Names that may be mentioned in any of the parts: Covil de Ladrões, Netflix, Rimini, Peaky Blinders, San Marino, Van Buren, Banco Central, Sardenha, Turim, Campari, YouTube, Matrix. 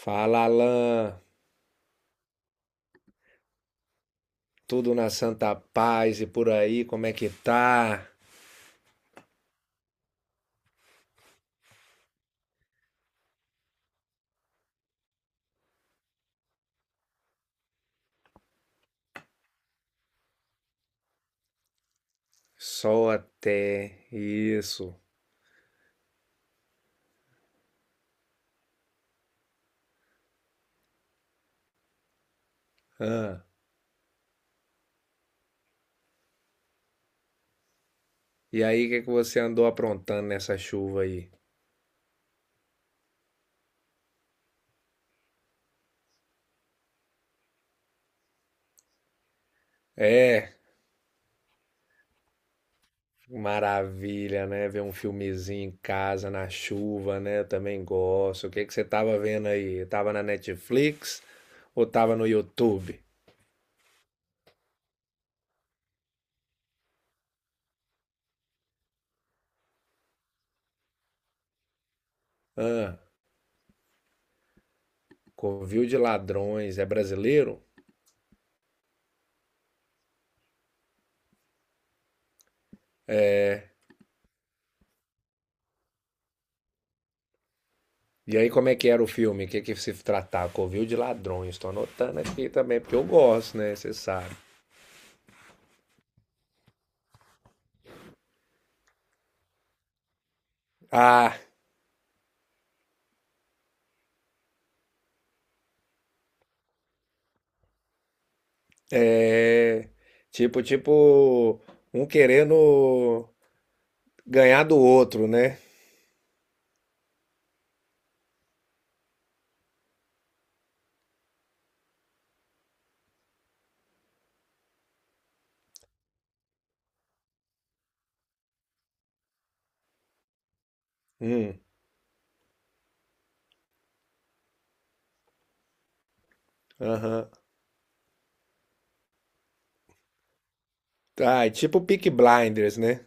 Fala, Alan. Tudo na santa paz e por aí, como é que tá? Sol até. Isso. Ah, e aí, o que é que você andou aprontando nessa chuva aí? É, maravilha, né? Ver um filmezinho em casa na chuva, né? Eu também gosto. O que é que você tava vendo aí? Tava na Netflix ou tava no YouTube? Ah, Covil de Ladrões. É brasileiro? É. E aí, como é que era o filme? O que é que se tratava? Covil de ladrões. Estou anotando aqui também, porque eu gosto, né? Você sabe. Ah, é. Tipo, tipo, um querendo ganhar do outro, né? Hum, aham. Ah, é tipo Peaky Blinders, né?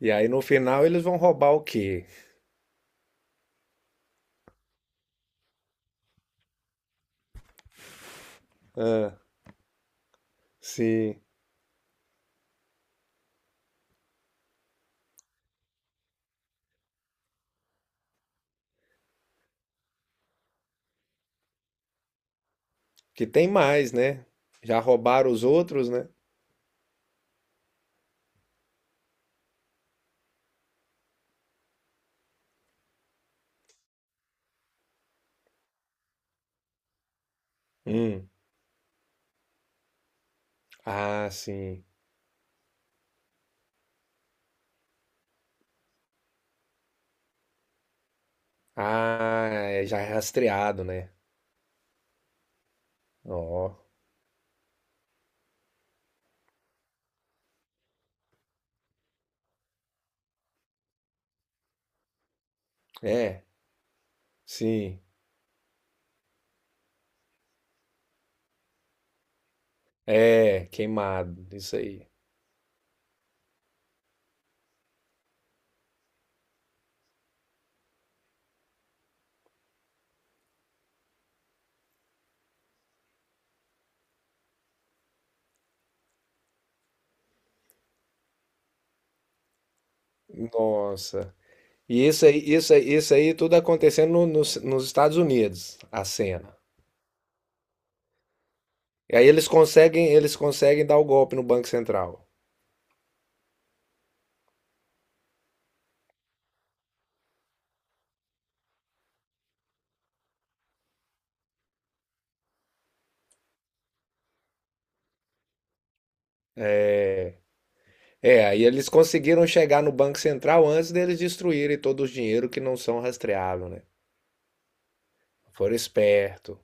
E aí no final eles vão roubar o quê? Ah, sim. Que tem mais, né? Já roubaram os outros, né? Hum. Ah, sim. Ah, é já é rastreado, né? Ó. É. Sim. É, queimado. Isso aí. Nossa. E isso aí, isso aí, isso aí tudo acontecendo nos Estados Unidos, a cena. E aí eles conseguem dar o golpe no Banco Central. É, é, aí eles conseguiram chegar no Banco Central antes deles destruírem todo o dinheiro que não são rastreável, né? Foram esperto.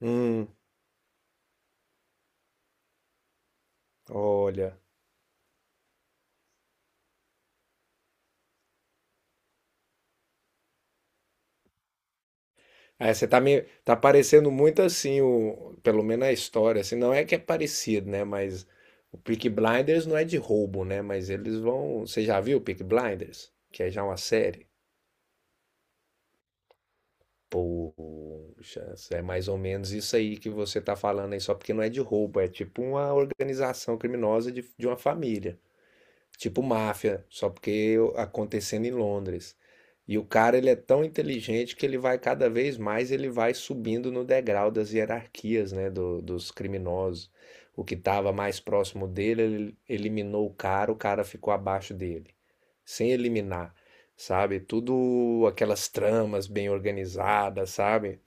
Hum, olha. É, você tá parecendo muito assim o, pelo menos a história, assim, não é que é parecido, né, mas o Peaky Blinders não é de roubo, né, mas eles vão, você já viu o Peaky Blinders? Que é já uma série. Poxa, é mais ou menos isso aí que você tá falando aí, só porque não é de roubo, é tipo uma organização criminosa de uma família, tipo máfia, só porque acontecendo em Londres. E o cara, ele é tão inteligente que ele vai cada vez mais, ele vai subindo no degrau das hierarquias, né, dos criminosos. O que estava mais próximo dele, ele eliminou o cara ficou abaixo dele, sem eliminar, sabe? Tudo aquelas tramas bem organizadas, sabe?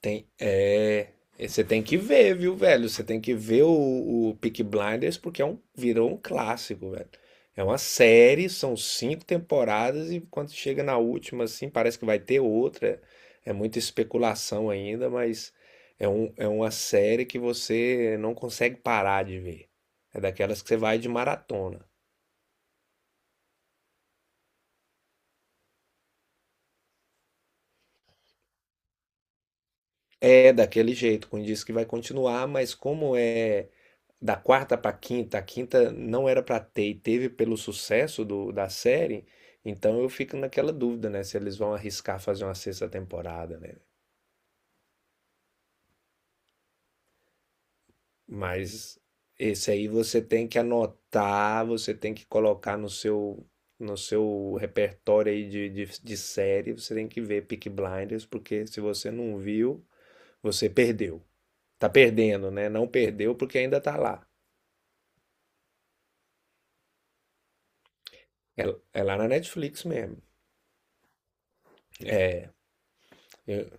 Tem, é, e você tem que ver, viu, velho? Você tem que ver o Peaky Blinders porque é um, virou um clássico, velho. É uma série, são cinco temporadas e quando chega na última, assim, parece que vai ter outra. É muita especulação ainda, mas é, um, é uma série que você não consegue parar de ver. É daquelas que você vai de maratona. É daquele jeito, com diz que vai continuar, mas como é da quarta para quinta, a quinta não era para ter e teve pelo sucesso do, da série, então eu fico naquela dúvida, né, se eles vão arriscar fazer uma sexta temporada, né? Mas esse aí você tem que anotar, você tem que colocar no seu no seu repertório aí de série, você tem que ver Peaky Blinders, porque se você não viu, você perdeu. Tá perdendo, né? Não perdeu porque ainda tá lá. É, é lá na Netflix mesmo. Eu-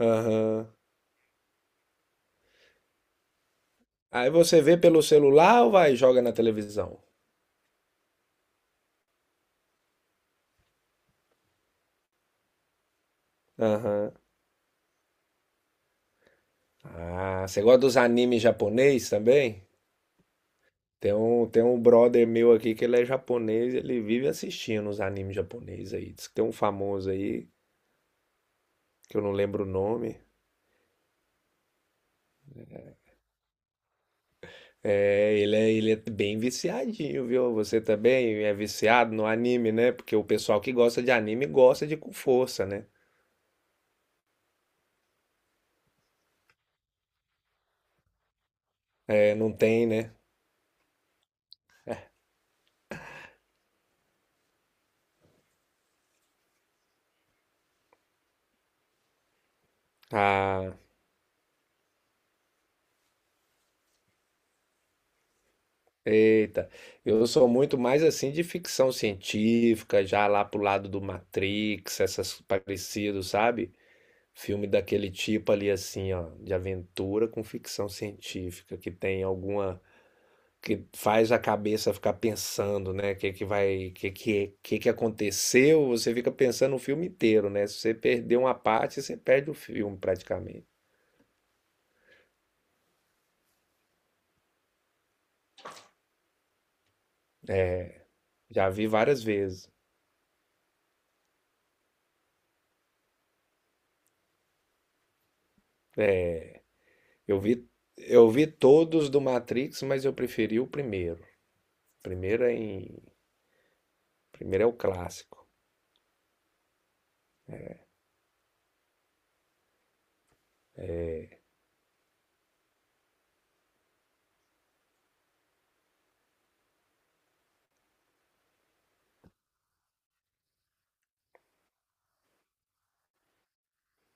Aham. Aí você vê pelo celular ou vai e joga na televisão? Aham. Ah, você gosta dos animes japonês também? Tem um brother meu aqui que ele é japonês, ele vive assistindo os animes japoneses aí. Diz que tem um famoso aí, que eu não lembro o nome. É, ele é, ele é bem viciadinho, viu? Você também é viciado no anime, né? Porque o pessoal que gosta de anime gosta de com força, né? É, não tem, né? Ah, Eita, eu sou muito mais assim de ficção científica, já lá pro lado do Matrix, essas parecidos, sabe? Filme daquele tipo ali assim, ó, de aventura com ficção científica, que tem alguma que faz a cabeça ficar pensando, né? Que é que vai, que é que é, que é que aconteceu? Você fica pensando o filme inteiro, né? Se você perder uma parte, você perde o filme praticamente. Já vi várias vezes. Eu vi eu vi todos do Matrix, mas eu preferi o primeiro. Primeiro é em... Primeiro é o clássico.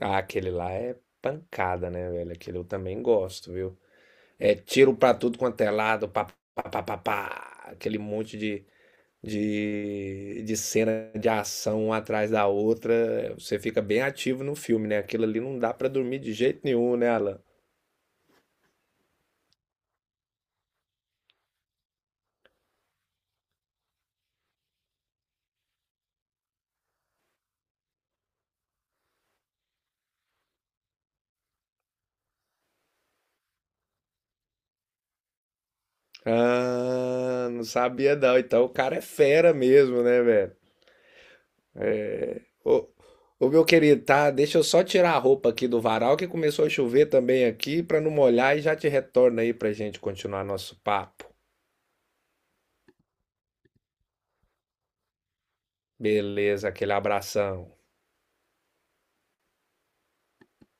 Ah, aquele lá é pancada, né, velho? Aquele eu também gosto, viu? É tiro pra tudo quanto é lado, pá, pá, pá, pá, pá. Aquele monte de cena de ação uma atrás da outra. Você fica bem ativo no filme, né? Aquilo ali não dá pra dormir de jeito nenhum, né, Alan? Ah, não sabia não. Então o cara é fera mesmo, né, velho? Ô, ô, meu querido, tá? Deixa eu só tirar a roupa aqui do varal que começou a chover também aqui pra não molhar e já te retorno aí pra gente continuar nosso papo. Beleza, aquele abração.